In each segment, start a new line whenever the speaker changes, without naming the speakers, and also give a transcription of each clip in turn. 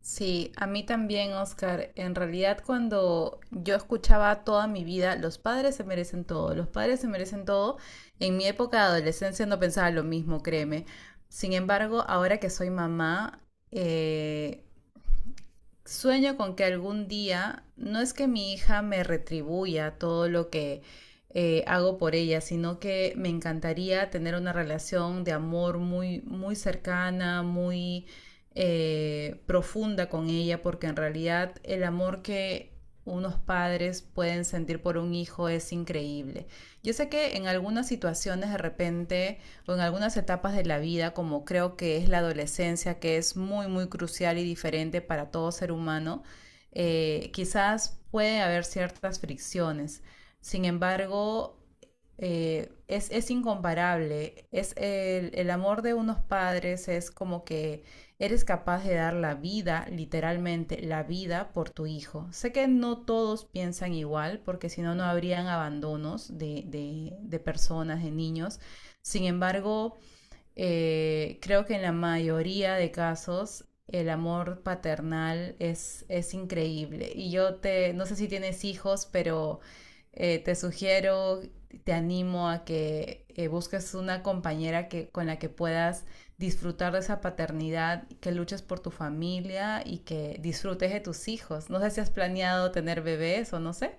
Sí, a mí también, Oscar. En realidad, cuando yo escuchaba toda mi vida, los padres se merecen todo, los padres se merecen todo, en mi época de adolescencia no pensaba lo mismo, créeme. Sin embargo, ahora que soy mamá, eh, sueño con que algún día, no es que mi hija me retribuya todo lo que hago por ella, sino que me encantaría tener una relación de amor muy, muy cercana, muy profunda con ella, porque en realidad el amor que unos padres pueden sentir por un hijo es increíble. Yo sé que en algunas situaciones de repente o en algunas etapas de la vida, como creo que es la adolescencia, que es muy, muy crucial y diferente para todo ser humano, quizás puede haber ciertas fricciones. Sin embargo, es incomparable. Es el amor de unos padres es como que eres capaz de dar la vida, literalmente la vida, por tu hijo. Sé que no todos piensan igual, porque si no, no habrían abandonos de personas, de niños, sin embargo, creo que en la mayoría de casos el amor paternal es increíble. Y yo te, no sé si tienes hijos, pero te sugiero, te animo a que busques una compañera que, con la que puedas disfrutar de esa paternidad, que luches por tu familia y que disfrutes de tus hijos. No sé si has planeado tener bebés o no sé.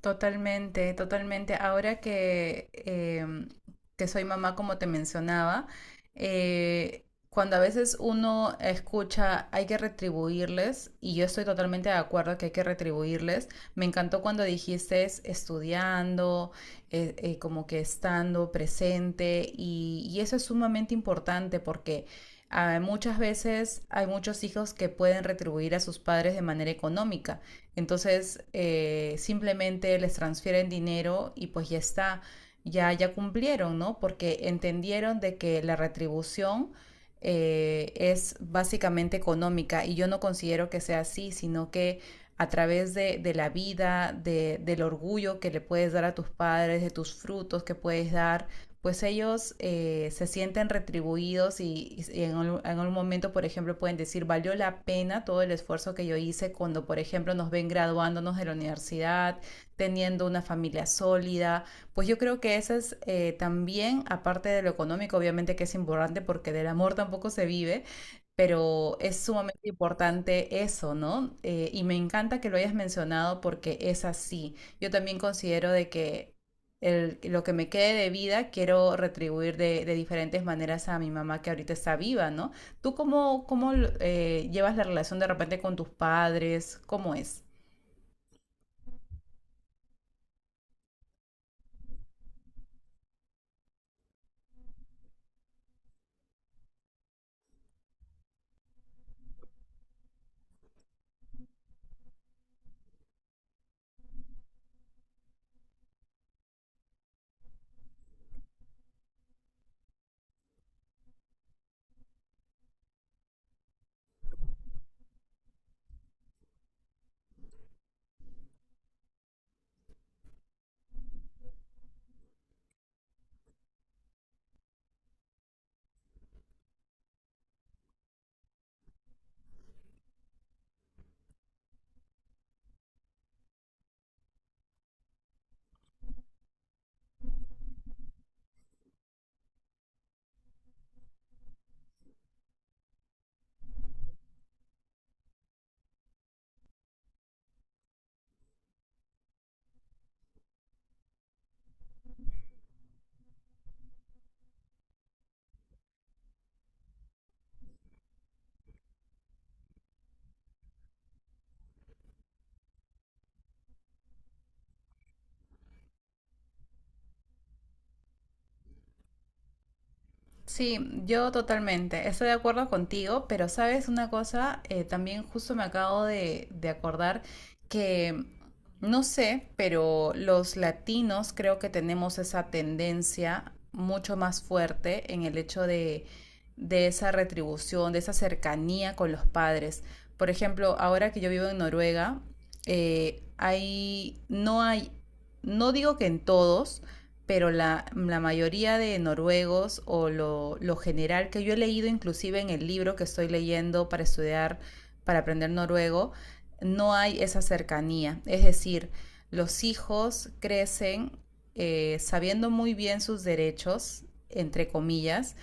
Totalmente, totalmente. Ahora que, que soy mamá, como te mencionaba, eh, cuando a veces uno escucha hay que retribuirles, y yo estoy totalmente de acuerdo que hay que retribuirles, me encantó cuando dijiste estudiando, como que estando presente, y eso es sumamente importante porque... Ah, muchas veces hay muchos hijos que pueden retribuir a sus padres de manera económica, entonces, simplemente les transfieren dinero y pues ya está, ya, ya cumplieron, ¿no? Porque entendieron de que la retribución es básicamente económica y yo no considero que sea así, sino que a través de la vida, de, del orgullo que le puedes dar a tus padres, de tus frutos que puedes dar, pues ellos se sienten retribuidos y en, un, momento, por ejemplo, pueden decir, valió la pena todo el esfuerzo que yo hice cuando, por ejemplo, nos ven graduándonos de la universidad, teniendo una familia sólida. Pues yo creo que eso es también, aparte de lo económico, obviamente que es importante porque del amor tampoco se vive, pero es sumamente importante eso, ¿no? Y me encanta que lo hayas mencionado porque es así. Yo también considero de que lo que me quede de vida, quiero retribuir de diferentes maneras a mi mamá que ahorita está viva, ¿no? ¿Tú cómo, cómo llevas la relación de repente con tus padres? ¿Cómo es? Sí, yo totalmente. Estoy de acuerdo contigo, pero sabes una cosa. También justo me acabo de acordar que, no sé, pero los latinos creo que tenemos esa tendencia mucho más fuerte en el hecho de esa retribución, de esa cercanía con los padres. Por ejemplo, ahora que yo vivo en Noruega, no hay, no digo que en todos, pero la mayoría de noruegos o lo general que yo he leído inclusive en el libro que estoy leyendo para estudiar, para aprender noruego, no hay esa cercanía. Es decir, los hijos crecen sabiendo muy bien sus derechos, entre comillas,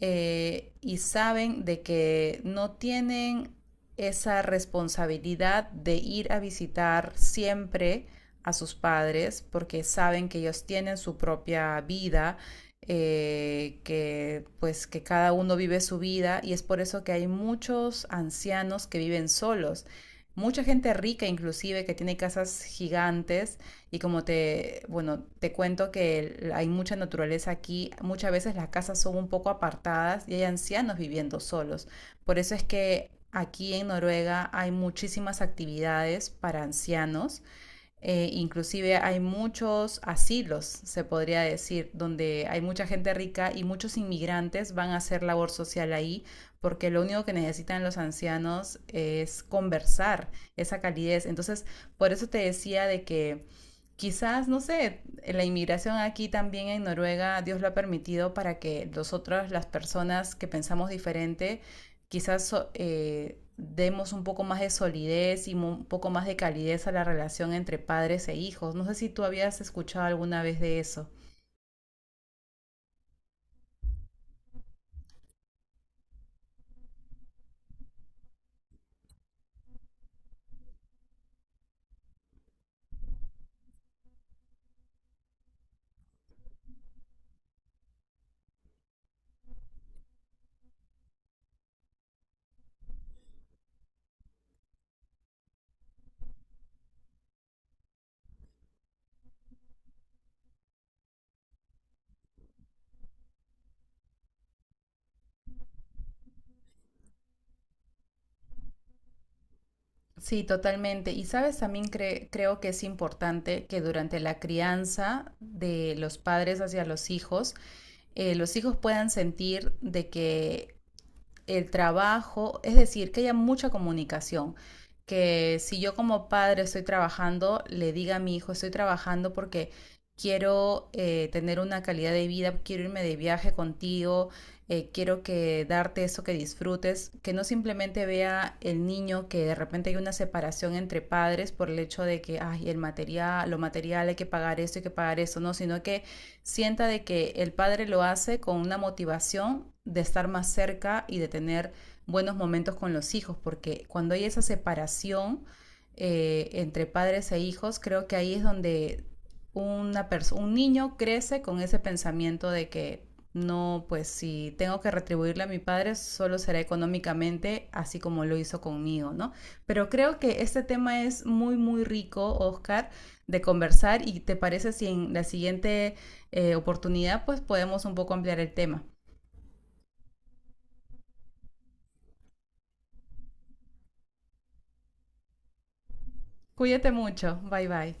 y saben de que no tienen esa responsabilidad de ir a visitar siempre a sus padres porque saben que ellos tienen su propia vida, que pues que cada uno vive su vida y es por eso que hay muchos ancianos que viven solos, mucha gente rica inclusive que tiene casas gigantes y como te, bueno, te cuento que hay mucha naturaleza aquí, muchas veces las casas son un poco apartadas y hay ancianos viviendo solos. Por eso es que aquí en Noruega hay muchísimas actividades para ancianos, inclusive hay muchos asilos, se podría decir, donde hay mucha gente rica y muchos inmigrantes van a hacer labor social ahí, porque lo único que necesitan los ancianos es conversar, esa calidez. Entonces, por eso te decía de que quizás, no sé, la inmigración aquí también en Noruega, Dios lo ha permitido para que nosotras, las personas que pensamos diferente, quizás demos un poco más de solidez y un poco más de calidez a la relación entre padres e hijos. No sé si tú habías escuchado alguna vez de eso. Sí, totalmente. Y sabes, también creo que es importante que durante la crianza de los padres hacia los hijos puedan sentir de que el trabajo, es decir, que haya mucha comunicación. Que si yo como padre estoy trabajando, le diga a mi hijo, estoy trabajando porque quiero tener una calidad de vida, quiero irme de viaje contigo, quiero que darte eso que disfrutes, que no simplemente vea el niño que de repente hay una separación entre padres por el hecho de que, ay, el material, lo material hay que pagar esto, hay que pagar eso, no, sino que sienta de que el padre lo hace con una motivación de estar más cerca y de tener buenos momentos con los hijos, porque cuando hay esa separación entre padres e hijos, creo que ahí es donde una un niño crece con ese pensamiento de que no, pues si tengo que retribuirle a mi padre, solo será económicamente, así como lo hizo conmigo, ¿no? Pero creo que este tema es muy, muy rico, Oscar, de conversar y te parece si en la siguiente oportunidad, pues podemos un poco ampliar el tema. Cuídate mucho, bye bye.